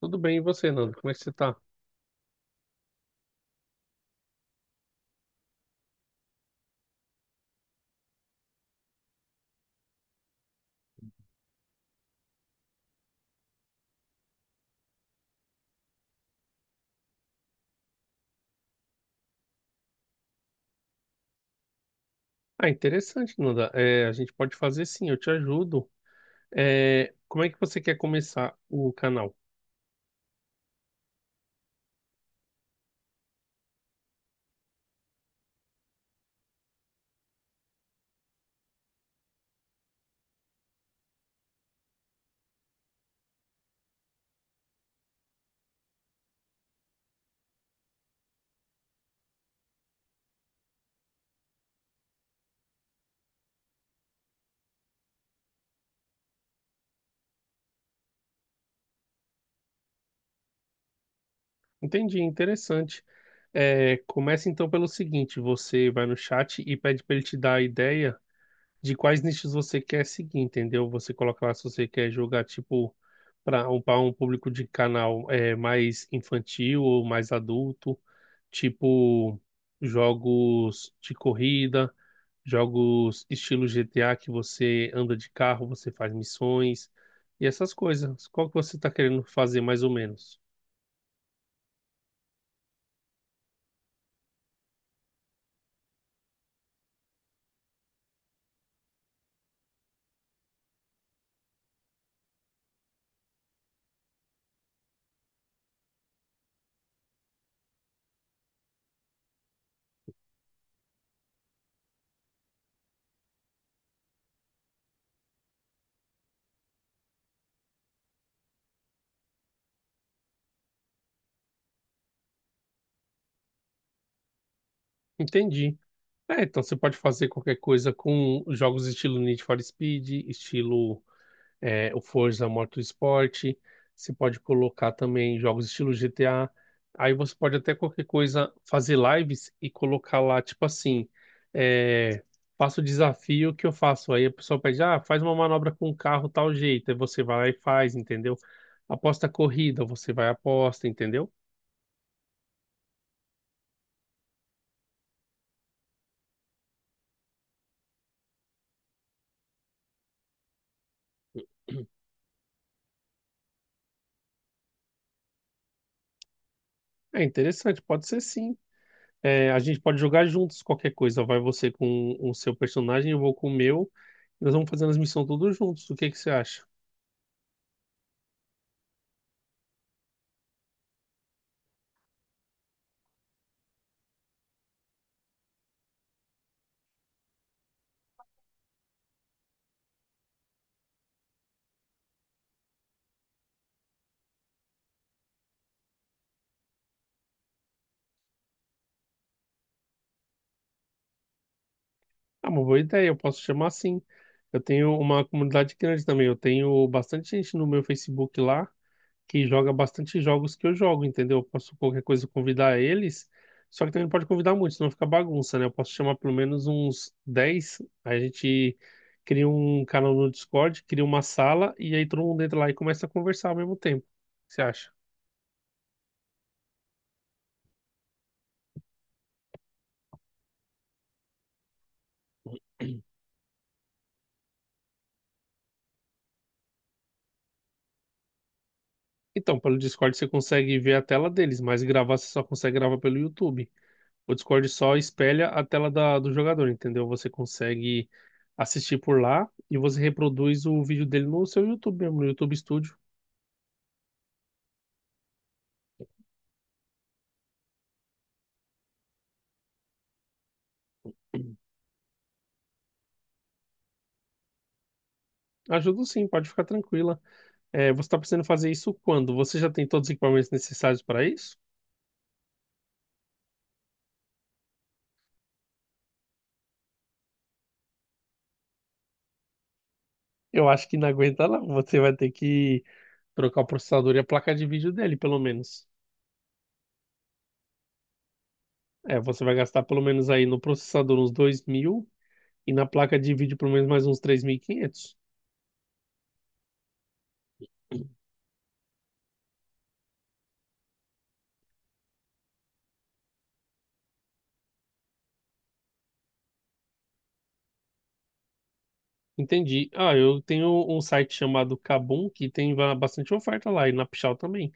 Tudo bem, e você, Nanda? Como é que você tá? Ah, interessante, Nanda. É, a gente pode fazer sim, eu te ajudo. É, como é que você quer começar o canal? Entendi, interessante. É, começa então pelo seguinte: você vai no chat e pede para ele te dar a ideia de quais nichos você quer seguir, entendeu? Você coloca lá se você quer jogar tipo para um, pra um público de canal é, mais infantil ou mais adulto, tipo jogos de corrida, jogos estilo GTA que você anda de carro, você faz missões e essas coisas. Qual que você está querendo fazer mais ou menos? Entendi. É, então você pode fazer qualquer coisa com jogos estilo Need for Speed, estilo é, o Forza Motorsport, você pode colocar também jogos estilo GTA. Aí você pode até qualquer coisa fazer lives e colocar lá, tipo assim, é, faça o desafio que eu faço. Aí a pessoa pede, ah, faz uma manobra com o carro tal jeito. Aí você vai lá e faz, entendeu? Aposta a corrida, você vai e aposta, entendeu? É interessante, pode ser sim. É, a gente pode jogar juntos qualquer coisa. Vai você com o seu personagem, eu vou com o meu. Nós vamos fazendo as missões todos juntos. O que que você acha? É uma boa ideia, eu posso chamar assim. Eu tenho uma comunidade grande também. Eu tenho bastante gente no meu Facebook lá que joga bastante jogos que eu jogo, entendeu? Eu posso qualquer coisa convidar eles. Só que também não pode convidar muito, senão fica bagunça, né? Eu posso chamar pelo menos uns 10. Aí a gente cria um canal no Discord, cria uma sala e aí todo mundo entra lá e começa a conversar ao mesmo tempo. O que você acha? Então, pelo Discord você consegue ver a tela deles, mas gravar você só consegue gravar pelo YouTube. O Discord só espelha a tela do jogador, entendeu? Você consegue assistir por lá e você reproduz o vídeo dele no seu YouTube mesmo, no YouTube Studio. Ajuda sim, pode ficar tranquila. É, você está precisando fazer isso quando? Você já tem todos os equipamentos necessários para isso? Eu acho que não aguenta não. Você vai ter que trocar o processador e a placa de vídeo dele, pelo menos. É, você vai gastar pelo menos aí no processador uns 2.000 e na placa de vídeo pelo menos mais uns 3.500. Entendi. Ah, eu tenho um site chamado Kabum que tem bastante oferta lá e na Pichau também.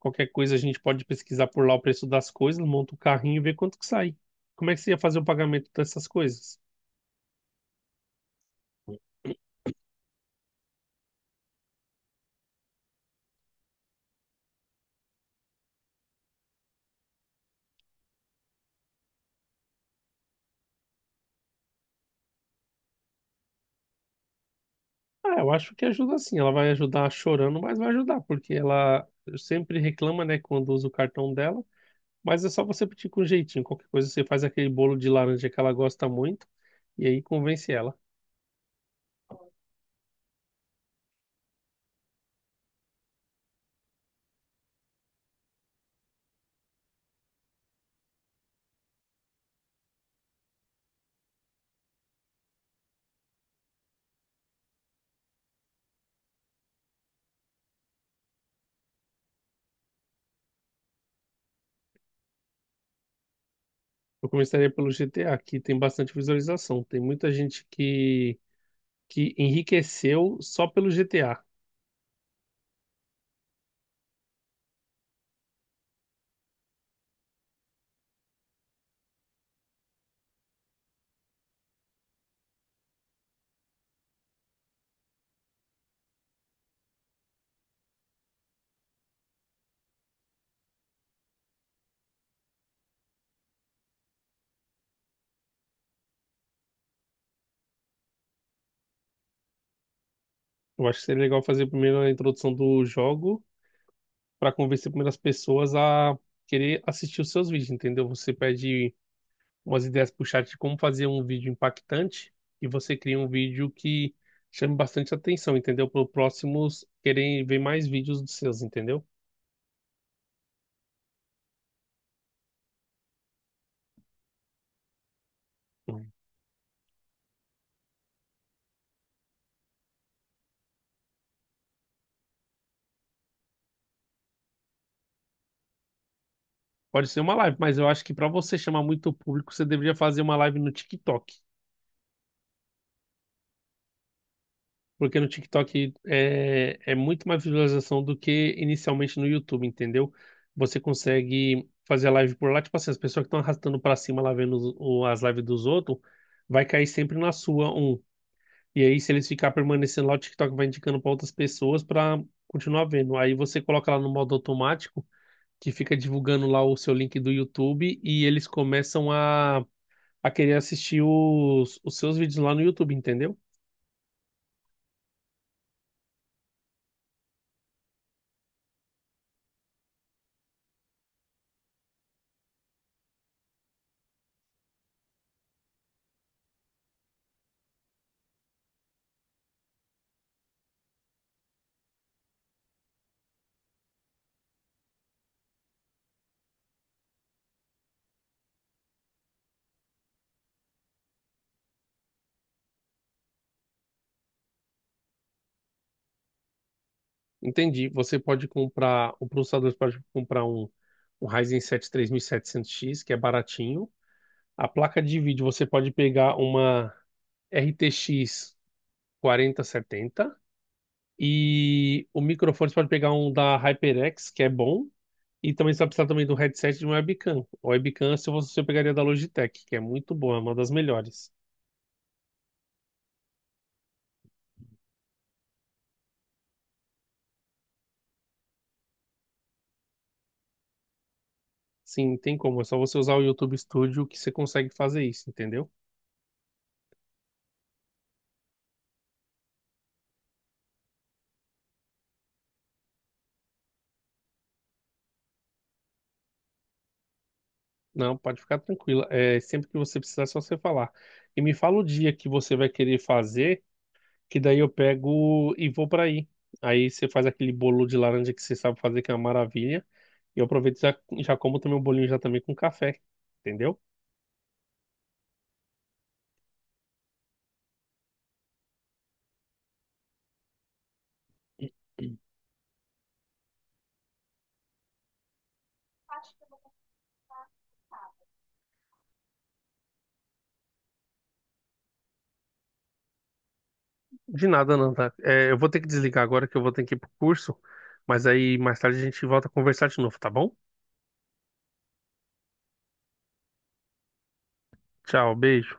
Qualquer coisa a gente pode pesquisar por lá o preço das coisas, monta o carrinho e vê quanto que sai. Como é que você ia fazer o pagamento dessas coisas? Ah, eu acho que ajuda sim. Ela vai ajudar chorando, mas vai ajudar, porque ela sempre reclama, né, quando usa o cartão dela. Mas é só você pedir com jeitinho. Qualquer coisa você faz aquele bolo de laranja que ela gosta muito e aí convence ela. Eu começaria pelo GTA, que tem bastante visualização. Tem muita gente que enriqueceu só pelo GTA. Eu acho que seria legal fazer primeiro a introdução do jogo para convencer primeiro as pessoas a querer assistir os seus vídeos, entendeu? Você pede umas ideias pro chat de como fazer um vídeo impactante e você cria um vídeo que chame bastante atenção, entendeu? Para os próximos querem ver mais vídeos dos seus, entendeu? Pode ser uma live, mas eu acho que para você chamar muito público, você deveria fazer uma live no TikTok. Porque no TikTok é, é muito mais visualização do que inicialmente no YouTube, entendeu? Você consegue fazer a live por lá, tipo assim, as pessoas que estão arrastando pra cima lá vendo as lives dos outros, vai cair sempre na sua um. E aí, se eles ficar permanecendo lá, o TikTok vai indicando pra outras pessoas pra continuar vendo. Aí você coloca lá no modo automático, que fica divulgando lá o seu link do YouTube e eles começam a querer assistir os seus vídeos lá no YouTube, entendeu? Entendi. Você pode comprar, o processador pode comprar um, um Ryzen 7 3700X, que é baratinho. A placa de vídeo você pode pegar uma RTX 4070 e o microfone você pode pegar um da HyperX, que é bom. E também você vai precisar também do headset e de uma webcam. A webcam é se você pegaria da Logitech, que é muito boa, é uma das melhores. Sim, tem como. É só você usar o YouTube Studio que você consegue fazer isso, entendeu? Não, pode ficar tranquila. É, sempre que você precisar, é só você falar. E me fala o dia que você vai querer fazer, que daí eu pego e vou para aí. Aí você faz aquele bolo de laranja que você sabe fazer, que é uma maravilha. E eu aproveito e já como também o bolinho já também com café. Entendeu? De nada, não, tá? É, eu vou ter que desligar agora que eu vou ter que ir pro curso. Mas aí mais tarde a gente volta a conversar de novo, tá bom? Tchau, beijo.